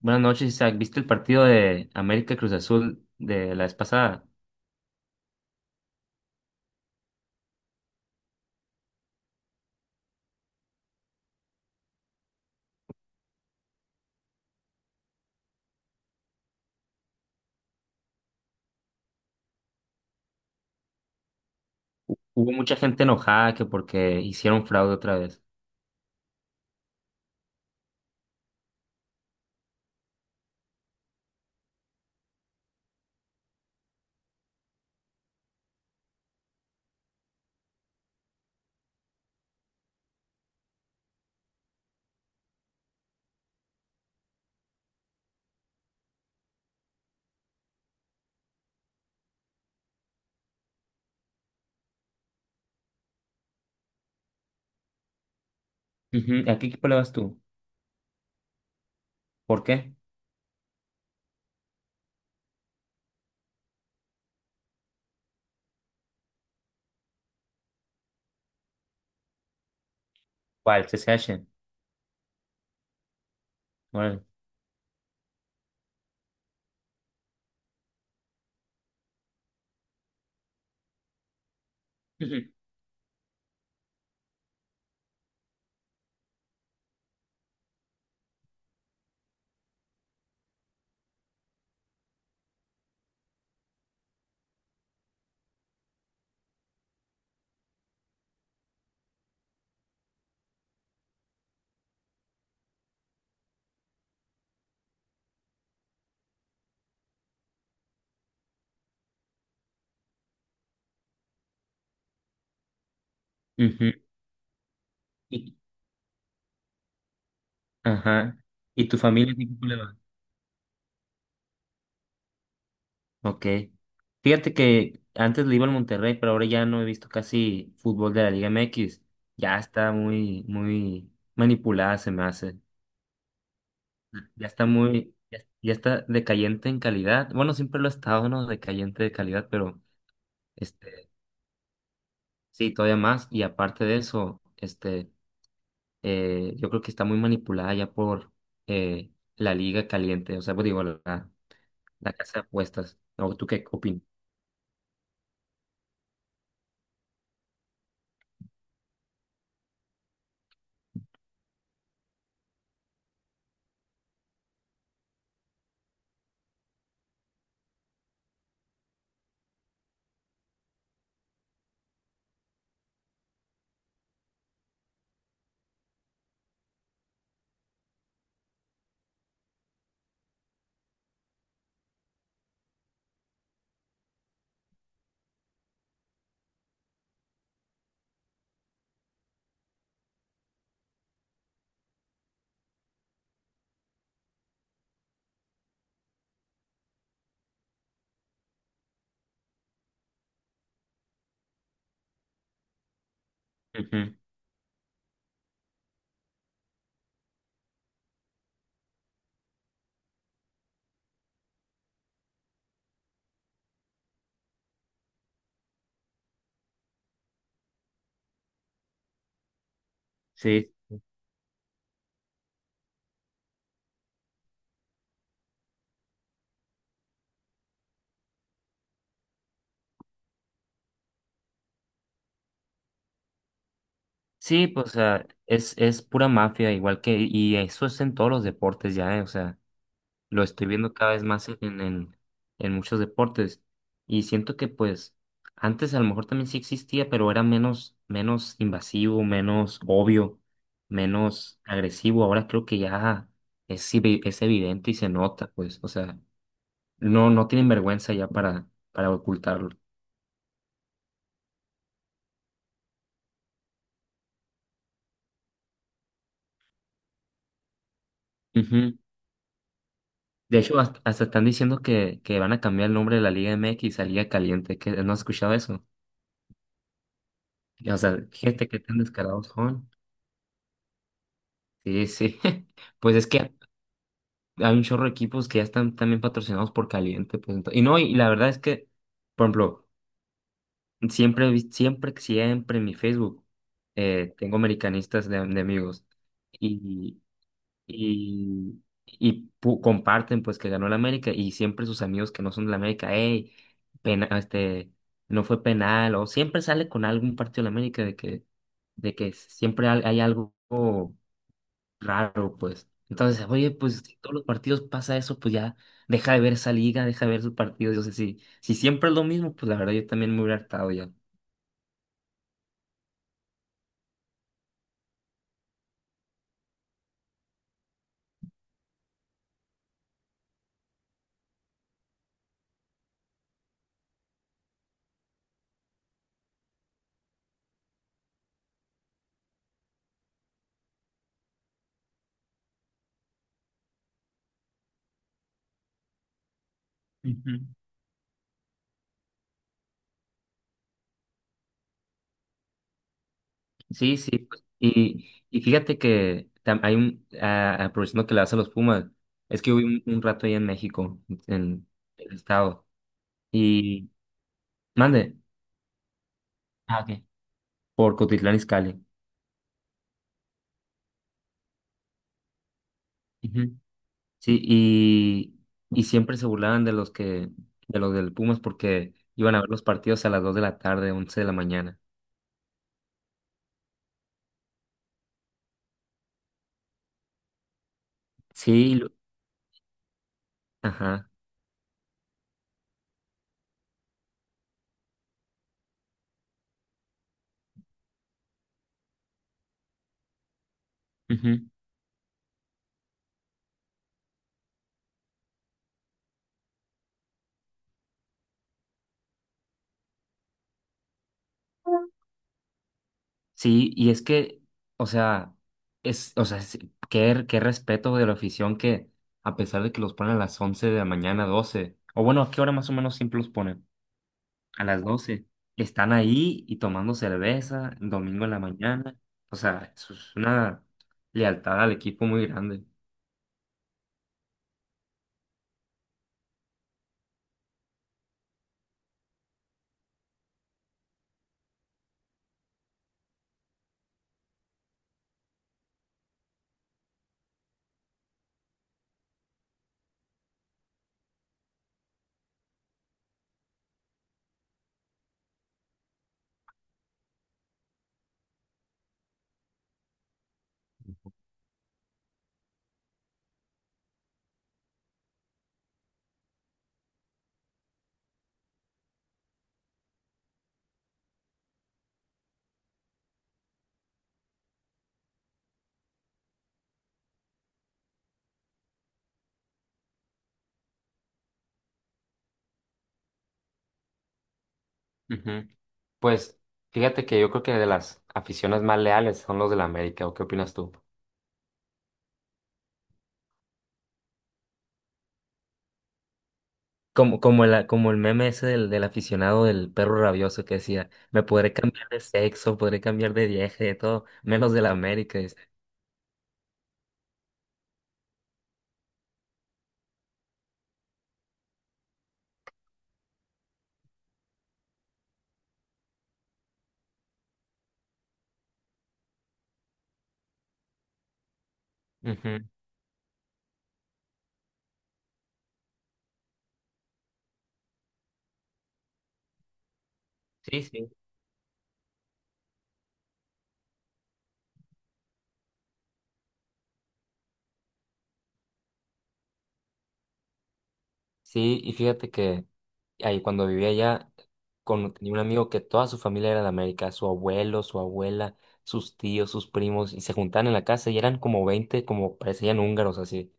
Buenas noches, Isaac. ¿Viste el partido de América Cruz Azul de la vez pasada? Hubo mucha gente enojada que porque hicieron fraude otra vez. Ujú. ¿A qué equipo le vas tú? ¿Por qué? ¿Cuál? CCH. Órale. Ujú. Ujú. Y- Ajá. ¿Y tu familia qué equipo le va? Ok. Fíjate que antes le iba al Monterrey, pero ahora ya no he visto casi fútbol de la Liga MX. Ya está muy, muy manipulada, se me hace. Ya está decayente en calidad. Bueno, siempre lo ha estado, ¿no? Decayente de calidad, pero este, sí, todavía más. Y aparte de eso, yo creo que está muy manipulada ya por eh, la liga caliente, o sea, pues digo, la casa de apuestas. ¿O tú qué opinas? Ujú. Sí, sí, pues, o sea, es pura mafia, igual que, y eso es en todos los deportes ya, ¿eh? O sea, lo estoy viendo cada vez más en, muchos deportes y siento que pues antes a lo mejor también sí existía, pero era menos invasivo, menos obvio, menos agresivo. Ahora creo que ya es evidente y se nota, pues, o sea, no tienen vergüenza ya para ocultarlo. Ujú. De hecho, hasta están diciendo que van a cambiar el nombre de la Liga MX a Liga Caliente, que no has escuchado eso. O sea, gente que tan descarados son. Sí, sí. Pues es que hay un chorro de equipos que ya están también patrocinados por Caliente, pues, y no, y la verdad es que, por ejemplo, siempre, he vis- siempre, siempre en mi Facebook tengo americanistas de amigos y, y comparten pues que ganó la América y siempre sus amigos que no son de la América, hey, pena, no fue penal, o siempre sale con algún partido de la América de que, de que, siempre hay algo raro, pues. Entonces, oye, pues si todos los partidos pasa eso, pues ya deja de ver esa liga, deja de ver sus partidos. Yo sé, si siempre es lo mismo, pues la verdad yo también me hubiera hartado ya. Ujú. Sí, sí. Pues, y fíjate que aprovechando que le das a los Pumas, es que hubo un, rato ahí en México, en el estado, y mande. Ah, ok. Por Cotitlán Izcalli. Sí, y siempre se burlaban de de los del Pumas porque iban a ver los partidos a las 2 de la tarde, 11 de la mañana. Sí, ajá. Ujú. Sí, y es que, o sea, o sea, qué respeto de la afición que, a pesar de que los ponen a las 11 de la mañana, 12 o bueno, ¿a qué hora más o menos siempre los ponen? A las 12 están ahí y tomando cerveza, domingo en la mañana. O sea, eso es una lealtad al equipo muy grande. Ujú. Pues fíjate que yo creo que de las aficiones más leales son los del América, ¿o qué opinas tú? Como el meme ese del aficionado del perro rabioso que decía, me podré cambiar de sexo, podré cambiar de viaje, de todo, menos de la América, dice. Ujú. Sí, sí. Sí, y fíjate que ahí cuando vivía allá, tenía un amigo que toda su familia era de América, su abuelo, su abuela, sus tíos, sus primos, y se juntaban en la casa y eran como 20, como parecían húngaros así.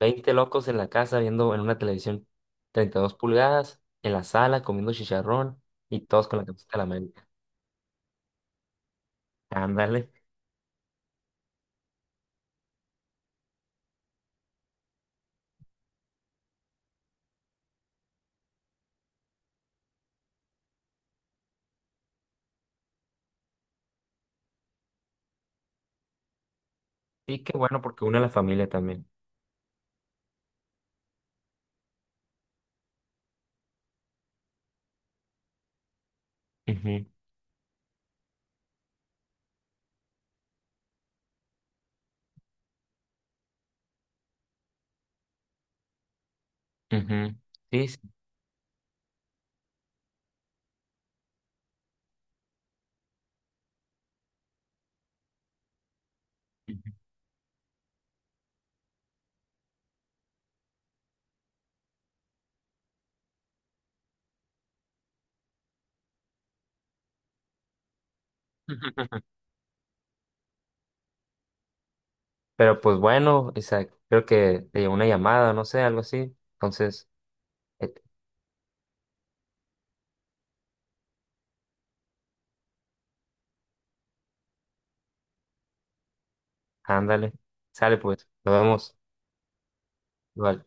20 locos en la casa viendo en una televisión 32 pulgadas, en la sala comiendo chicharrón y todos con la camiseta de la América. Ándale. Sí, qué bueno porque une a la familia también. Ujú, ujú. Sí, sí. Ujú. Pero pues bueno, Isaac, creo que te llegó una llamada, no sé, algo así. Entonces, eh, ándale, sale pues, nos vemos. Bye.